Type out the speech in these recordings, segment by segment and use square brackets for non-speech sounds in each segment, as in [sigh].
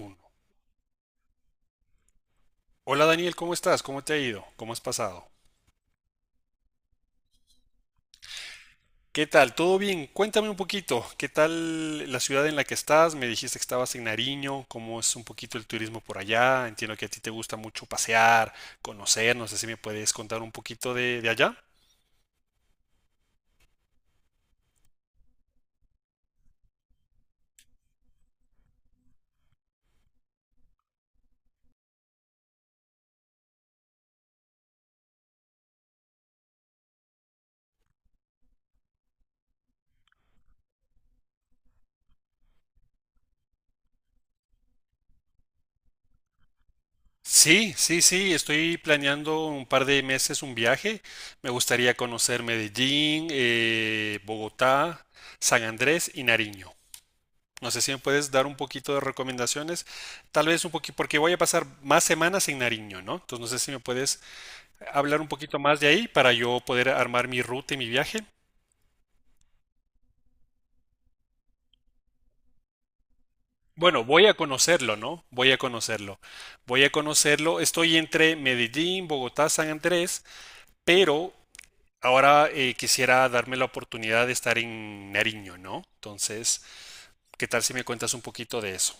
Uno. Hola Daniel, ¿cómo estás? ¿Cómo te ha ido? ¿Cómo has pasado? ¿Qué tal? ¿Todo bien? Cuéntame un poquito, ¿qué tal la ciudad en la que estás? Me dijiste que estabas en Nariño, ¿cómo es un poquito el turismo por allá? Entiendo que a ti te gusta mucho pasear, conocer, no sé si me puedes contar un poquito de allá. Sí, sí, sí, estoy planeando un par de meses un viaje. Me gustaría conocer Medellín, Bogotá, San Andrés y Nariño. No sé si me puedes dar un poquito de recomendaciones, tal vez un poquito, porque voy a pasar más semanas en Nariño, ¿no? Entonces no sé si me puedes hablar un poquito más de ahí para yo poder armar mi ruta y mi viaje. Bueno, voy a conocerlo, ¿no? Voy a conocerlo. Voy a conocerlo. Estoy entre Medellín, Bogotá, San Andrés, pero ahora quisiera darme la oportunidad de estar en Nariño, ¿no? Entonces, ¿qué tal si me cuentas un poquito de eso?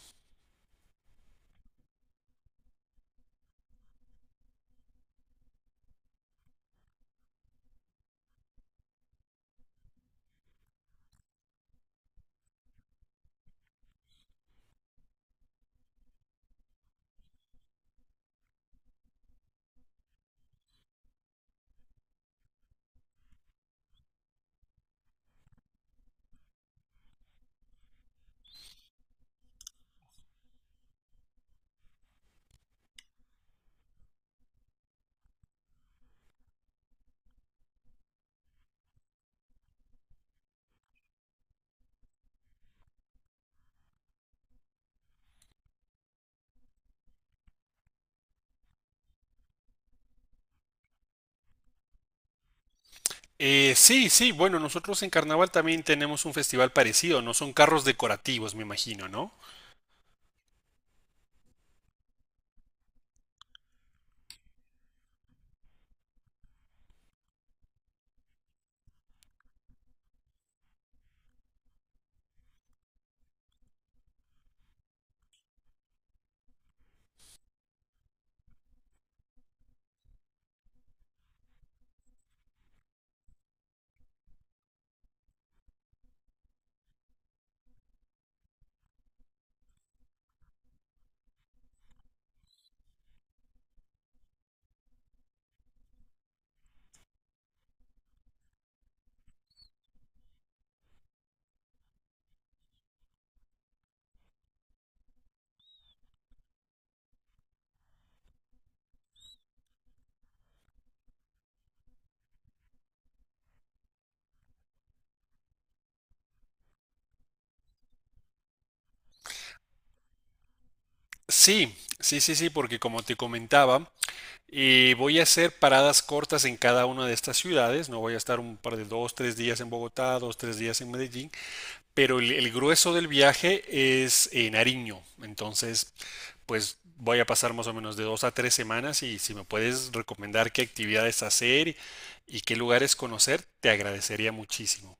Sí, sí, bueno, nosotros en Carnaval también tenemos un festival parecido, no son carros decorativos, me imagino, ¿no? Sí, sí, sí, sí, porque como te comentaba, voy a hacer paradas cortas en cada una de estas ciudades, no voy a estar un par de dos, tres días en Bogotá, dos, tres días en Medellín, pero el grueso del viaje es en Nariño, entonces, pues voy a pasar más o menos de dos a tres semanas y si me puedes recomendar qué actividades hacer y qué lugares conocer, te agradecería muchísimo.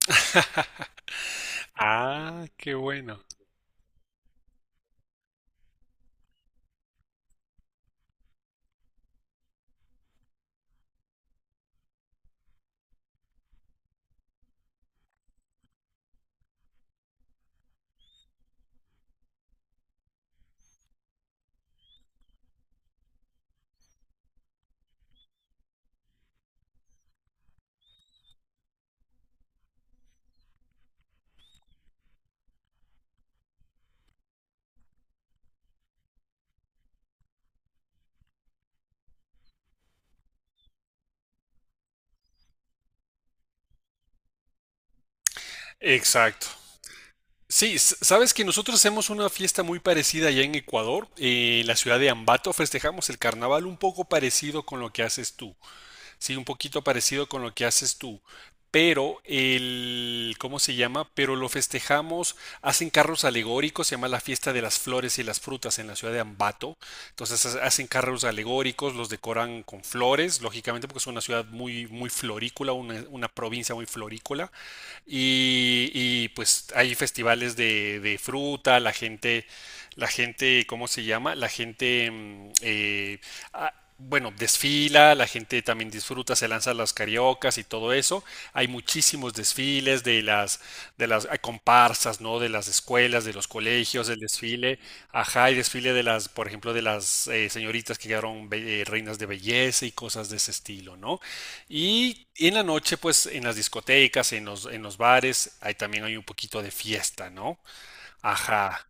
[laughs] Ah, qué bueno. Exacto. Sí, sabes que nosotros hacemos una fiesta muy parecida allá en Ecuador. En la ciudad de Ambato festejamos el carnaval un poco parecido con lo que haces tú. Sí, un poquito parecido con lo que haces tú. Pero el, ¿cómo se llama? Pero lo festejamos, hacen carros alegóricos, se llama la fiesta de las flores y las frutas en la ciudad de Ambato. Entonces hacen carros alegóricos, los decoran con flores, lógicamente porque es una ciudad muy, muy florícola, una provincia muy florícola. Y pues hay festivales de fruta, la gente, ¿cómo se llama? La gente, ah, bueno, desfila, la gente también disfruta, se lanzan las cariocas y todo eso. Hay muchísimos desfiles de las, hay comparsas, ¿no? De las escuelas, de los colegios, del desfile, ajá, y desfile de las, por ejemplo, de las señoritas que quedaron reinas de belleza y cosas de ese estilo, ¿no? Y en la noche, pues, en las discotecas, en los bares, ahí también hay un poquito de fiesta, ¿no? Ajá.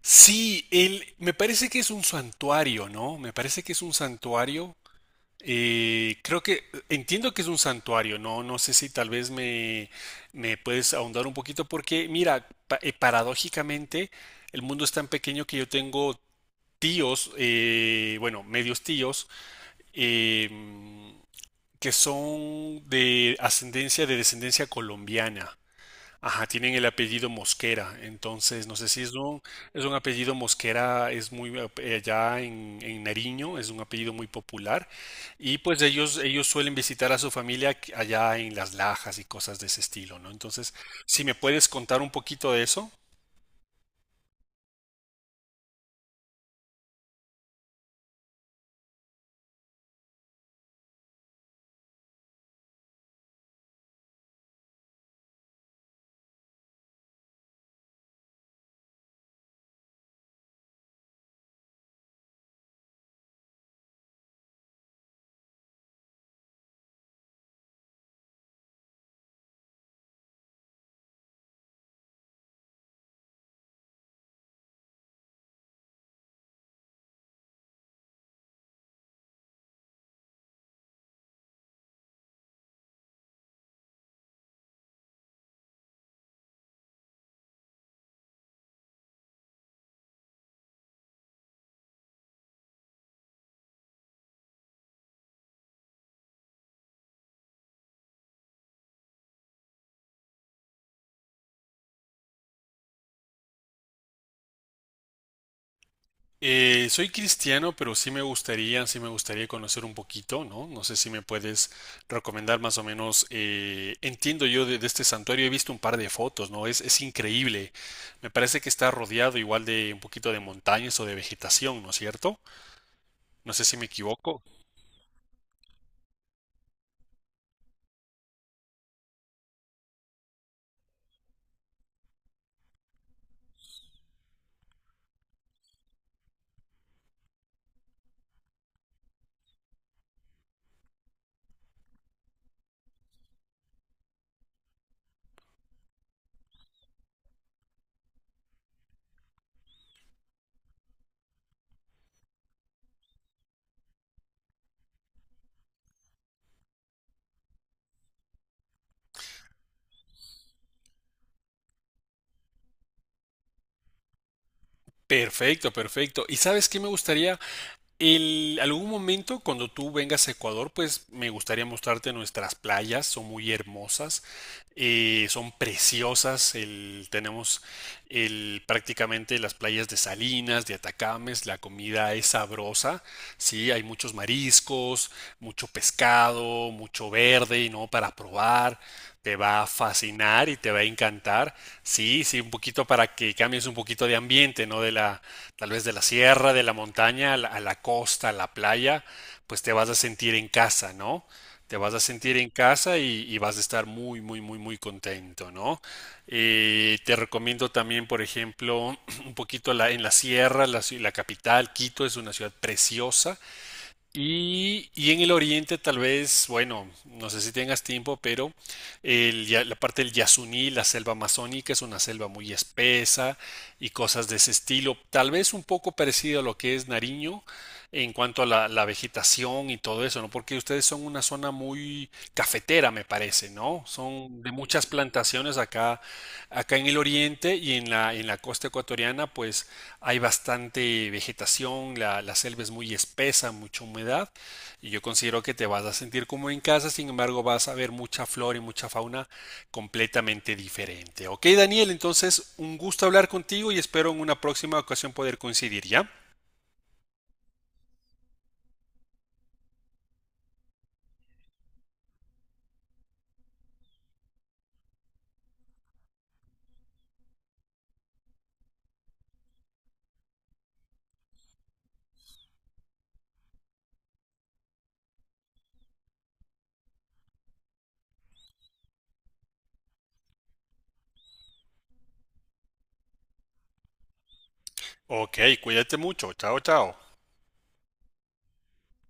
Sí, me parece que es un santuario, ¿no? Me parece que es un santuario. Creo que entiendo que es un santuario, ¿no? No sé si tal vez me puedes ahondar un poquito porque, mira, paradójicamente el mundo es tan pequeño que yo tengo tíos, bueno, medios tíos, em, que son de ascendencia, de descendencia colombiana. Ajá, tienen el apellido Mosquera, entonces no sé si es un apellido Mosquera, es muy allá en Nariño, es un apellido muy popular y pues ellos suelen visitar a su familia allá en Las Lajas y cosas de ese estilo, ¿no? Entonces, si me puedes contar un poquito de eso. Soy cristiano, pero sí me gustaría conocer un poquito, ¿no? No sé si me puedes recomendar más o menos, entiendo yo de este santuario, he visto un par de fotos, ¿no? Es increíble. Me parece que está rodeado igual de un poquito de montañas o de vegetación, ¿no es cierto? No sé si me equivoco. Perfecto, perfecto. ¿Y sabes qué me gustaría? Algún momento cuando tú vengas a Ecuador, pues me gustaría mostrarte nuestras playas, son muy hermosas, son preciosas, tenemos prácticamente las playas de Salinas, de Atacames, la comida es sabrosa, sí, hay muchos mariscos, mucho pescado, mucho verde, ¿no? Para probar, te va a fascinar y te va a encantar, sí, sí, un poquito para que cambies un poquito de ambiente, ¿no? De la, tal vez de la sierra, de la montaña, a la costa, a la playa, pues te vas a sentir en casa, ¿no? Te vas a sentir en casa y vas a estar muy, muy, muy, muy contento, ¿no? Te recomiendo también, por ejemplo, [clears throat] un poquito en la sierra, la capital, Quito es una ciudad preciosa, y en el oriente tal vez, bueno, no sé si tengas tiempo, pero la parte del Yasuní, la selva amazónica, es una selva muy espesa y cosas de ese estilo, tal vez un poco parecido a lo que es Nariño en cuanto a la vegetación y todo eso, ¿no? Porque ustedes son una zona muy cafetera, me parece, ¿no? Son de muchas plantaciones acá. Acá en el oriente y en la costa ecuatoriana, pues hay bastante vegetación, la selva es muy espesa, mucha humedad, y yo considero que te vas a sentir como en casa, sin embargo vas a ver mucha flora y mucha fauna completamente diferente. Ok, Daniel, entonces un gusto hablar contigo y espero en una próxima ocasión poder coincidir, ¿ya? Ok, cuídate mucho, chao, chao.